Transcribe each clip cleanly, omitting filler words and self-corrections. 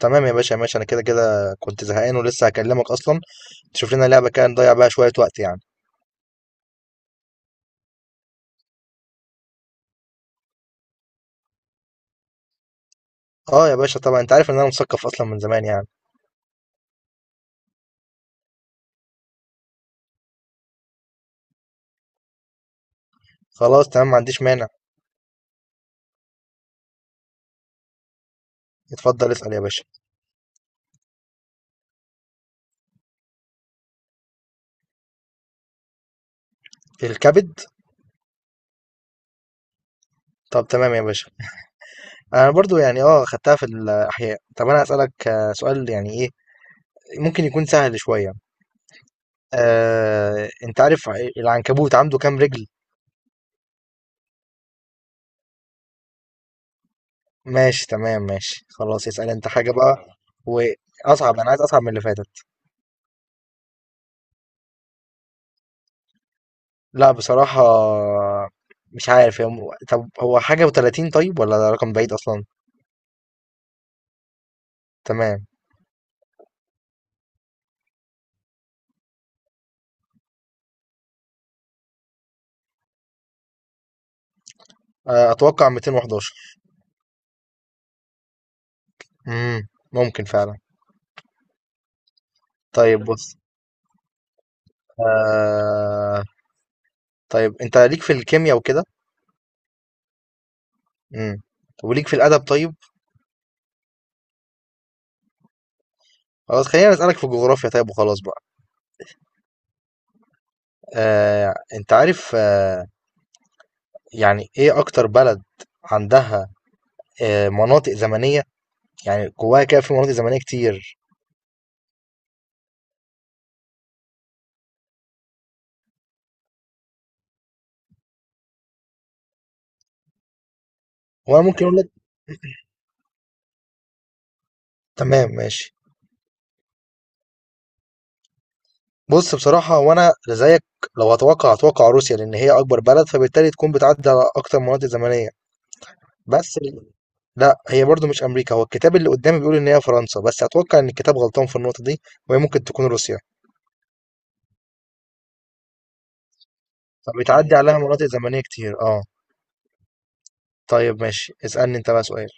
تمام يا باشا، ماشي. انا كده كده كنت زهقان ولسه هكلمك اصلا. تشوف لنا لعبه كده نضيع بقى شويه وقت يعني. اه يا باشا، طبعا انت عارف ان انا مثقف اصلا من زمان يعني. خلاص تمام، ما عنديش مانع. اتفضل اسال يا باشا. الكبد. طب تمام يا باشا. انا برضو يعني خدتها في الاحياء. طب انا اسالك سؤال، يعني ايه ممكن يكون سهل شويه. انت عارف العنكبوت عنده كام رجل؟ ماشي تمام ماشي، خلاص اسأل انت حاجة بقى. واصعب، انا عايز اصعب من اللي فاتت. لا بصراحة مش عارف. هي طب هو حاجة و30؟ طيب، ولا ده رقم بعيد اصلا؟ تمام. اتوقع 211. امم ممكن فعلا. طيب بص. آه... طيب انت ليك في الكيمياء وكده. امم وليك في الادب طيب. خلاص، خلينا اسالك في الجغرافيا طيب وخلاص بقى. انت عارف يعني إيه أكتر بلد عندها مناطق زمنية؟ يعني جواها كده في مناطق زمنية كتير. وأنا ممكن أقول لك. تمام ماشي. بص، بصراحة وأنا زيك، لو هتوقع هتوقع روسيا لأن هي أكبر بلد فبالتالي تكون بتعدي على أكتر مناطق زمنية. بس ال- لا هي برضو مش أمريكا. هو الكتاب اللي قدامي بيقول إن هي فرنسا، بس أتوقع إن الكتاب غلطان في النقطة دي وهي ممكن تكون روسيا. فبتعدي عليها مناطق زمنية كتير، أه. طيب ماشي، اسألني أنت بقى سؤال.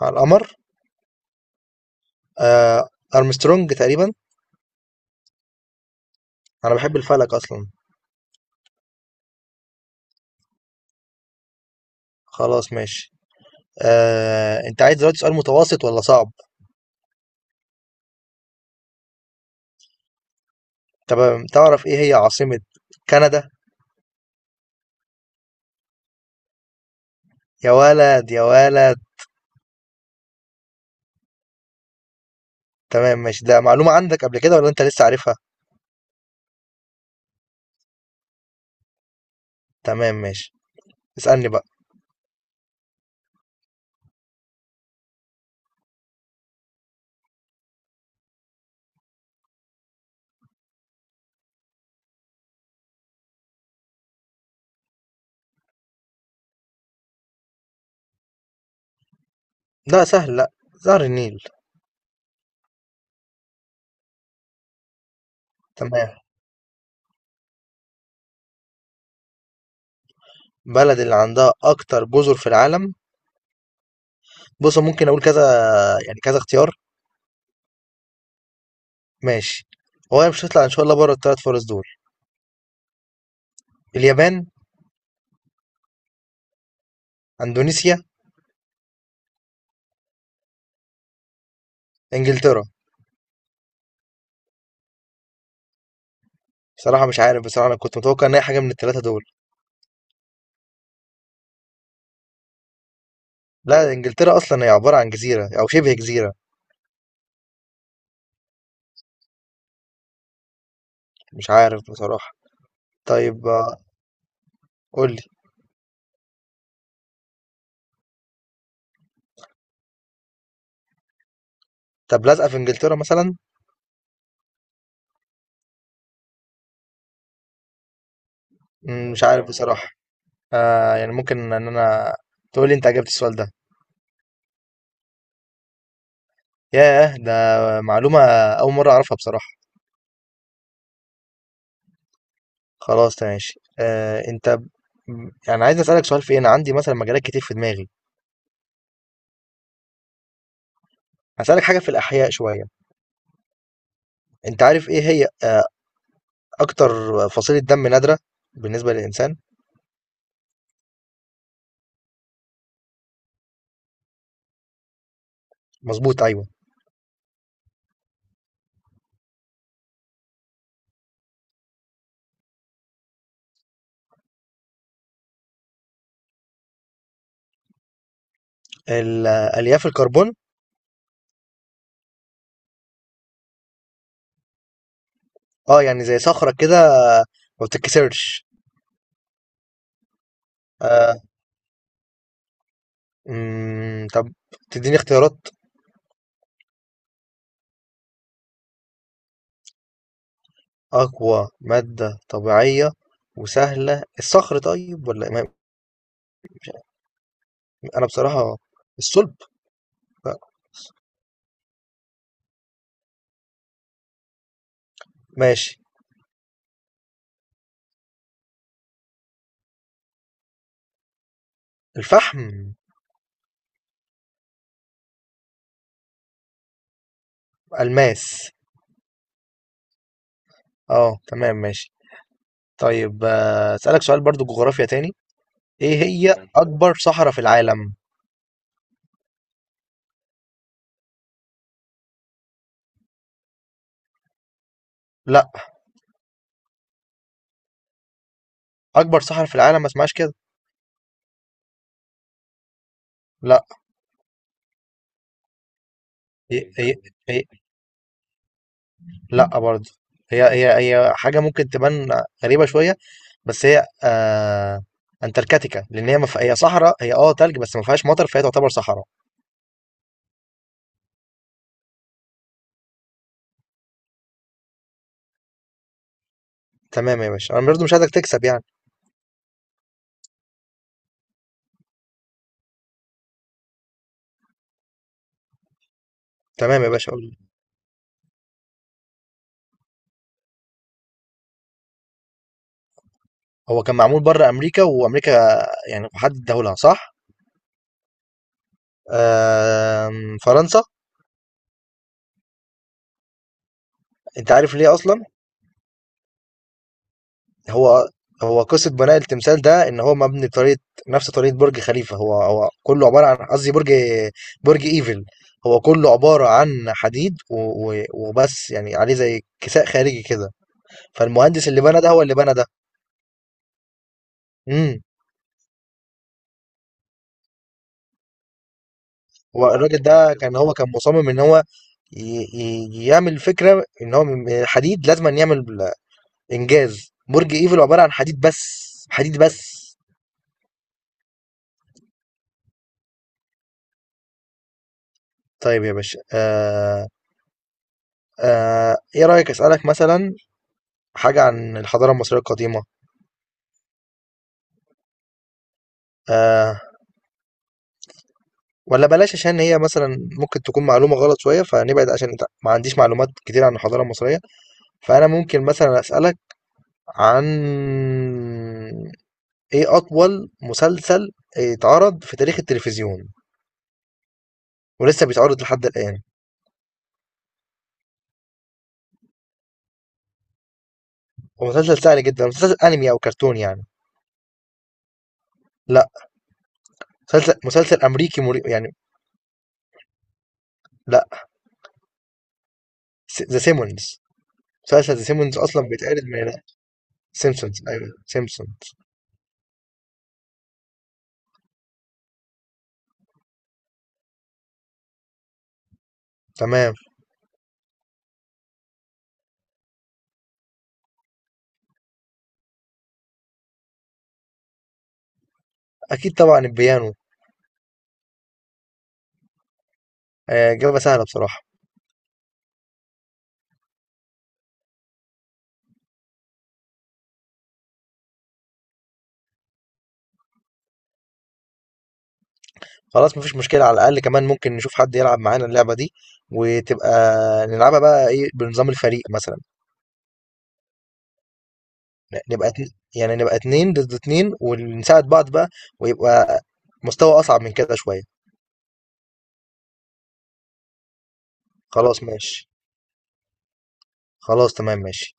على القمر. آه أرمسترونج تقريبا. أنا بحب الفلك أصلا. خلاص ماشي. انت عايز دلوقتي سؤال متوسط ولا صعب؟ تمام. تعرف ايه هي عاصمة كندا؟ يا ولد، يا ولد. تمام ماشي، ده معلومة عندك قبل كده ولا انت لسه عارفها؟ تمام ماشي، اسألني بقى. لا سهل، لا. نهر النيل. تمام. بلد اللي عندها اكتر جزر في العالم؟ بص ممكن اقول كذا، يعني كذا اختيار. ماشي. هو مش هتطلع ان شاء الله بره الثلاث فرص دول. اليابان. اندونيسيا. انجلترا. بصراحة مش عارف، بصراحة انا كنت متوقع ان هي حاجة من الثلاثة دول. لا، انجلترا اصلا هي عباره عن جزيره او شبه جزيره. مش عارف بصراحه. طيب قول لي. طب لازقه في انجلترا مثلا؟ مش عارف بصراحه. يعني ممكن ان انا تقول لي انت عجبت السؤال ده؟ ياه، ده معلومه اول مره اعرفها بصراحه. خلاص تمام ماشي. انت يعني عايز اسالك سؤال في ايه؟ انا عندي مثلا مجالات كتير في دماغي. هسالك حاجه في الاحياء شويه. انت عارف ايه هي اكتر فصيله دم نادره بالنسبه للانسان؟ مظبوط، ايوه. الياف الكربون. اه يعني زي صخرة كده ما بتتكسرش. آه. مم. طب تديني اختيارات. أقوى مادة طبيعية وسهلة، الصخر طيب، ولا أنا بصراحة الصلب. لا. ماشي. الفحم. ألماس. اه تمام ماشي. طيب أسألك سؤال برضو جغرافيا تاني. ايه هي أكبر صحراء في العالم؟ لا. أكبر صحراء في العالم ما اسمهاش كده. لا. هي هي لأ برضه. هي حاجة ممكن تبان غريبة شوية، بس هي أنتاركتيكا، لأن هي صحراء، هي تلج بس ما فيهاش مطر فهي تعتبر صحراء. تمام يا باشا، أنا برضه مش عايزك تكسب يعني. تمام يا باشا، قول لي. هو كان معمول بره أمريكا، وأمريكا يعني محدد دولها، صح؟ آه فرنسا. أنت عارف ليه أصلا؟ هو هو قصة بناء التمثال ده إن هو مبني بطريقة نفس طريقة برج خليفة. هو كله عبارة عن قصدي برج إيفل. هو كله عبارة عن حديد وبس، يعني عليه زي كساء خارجي كده. فالمهندس اللي بنى ده هو اللي بنى ده. امم هو الراجل ده هو كان مصمم إن هو يعمل فكرة إن هو من الحديد لازم أن يعمل إنجاز برج إيفل عبارة عن حديد بس، حديد بس. طيب يا باشا، إيه رأيك أسألك مثلا حاجة عن الحضارة المصرية القديمة؟ آه ولا بلاش عشان هي مثلا ممكن تكون معلومة غلط شوية فنبعد، عشان ما عنديش معلومات كتير عن الحضارة المصرية. فأنا ممكن مثلا أسألك عن إيه أطول مسلسل اتعرض في تاريخ التلفزيون ولسه بيتعرض لحد الآن؟ ومسلسل سهل جدا، مسلسل أنمي أو كرتون يعني. لا. مسلسل أمريكي يعني. لا. ذا سيمونز. مسلسل ذا سيمونز أصلا بيتعرض من. سيمسونز، أيوه سيمسونز. تمام. أكيد طبعا البيانو. إجابة سهلة بصراحة. خلاص مفيش مشكلة، على الأقل كمان ممكن نشوف حد يلعب معانا اللعبة دي وتبقى نلعبها بقى إيه بنظام الفريق مثلا. نبقى اتن... يعني نبقى اتنين ضد اتنين ونساعد بعض بقى ويبقى مستوى أصعب من كده شوية. خلاص ماشي. خلاص تمام ماشي.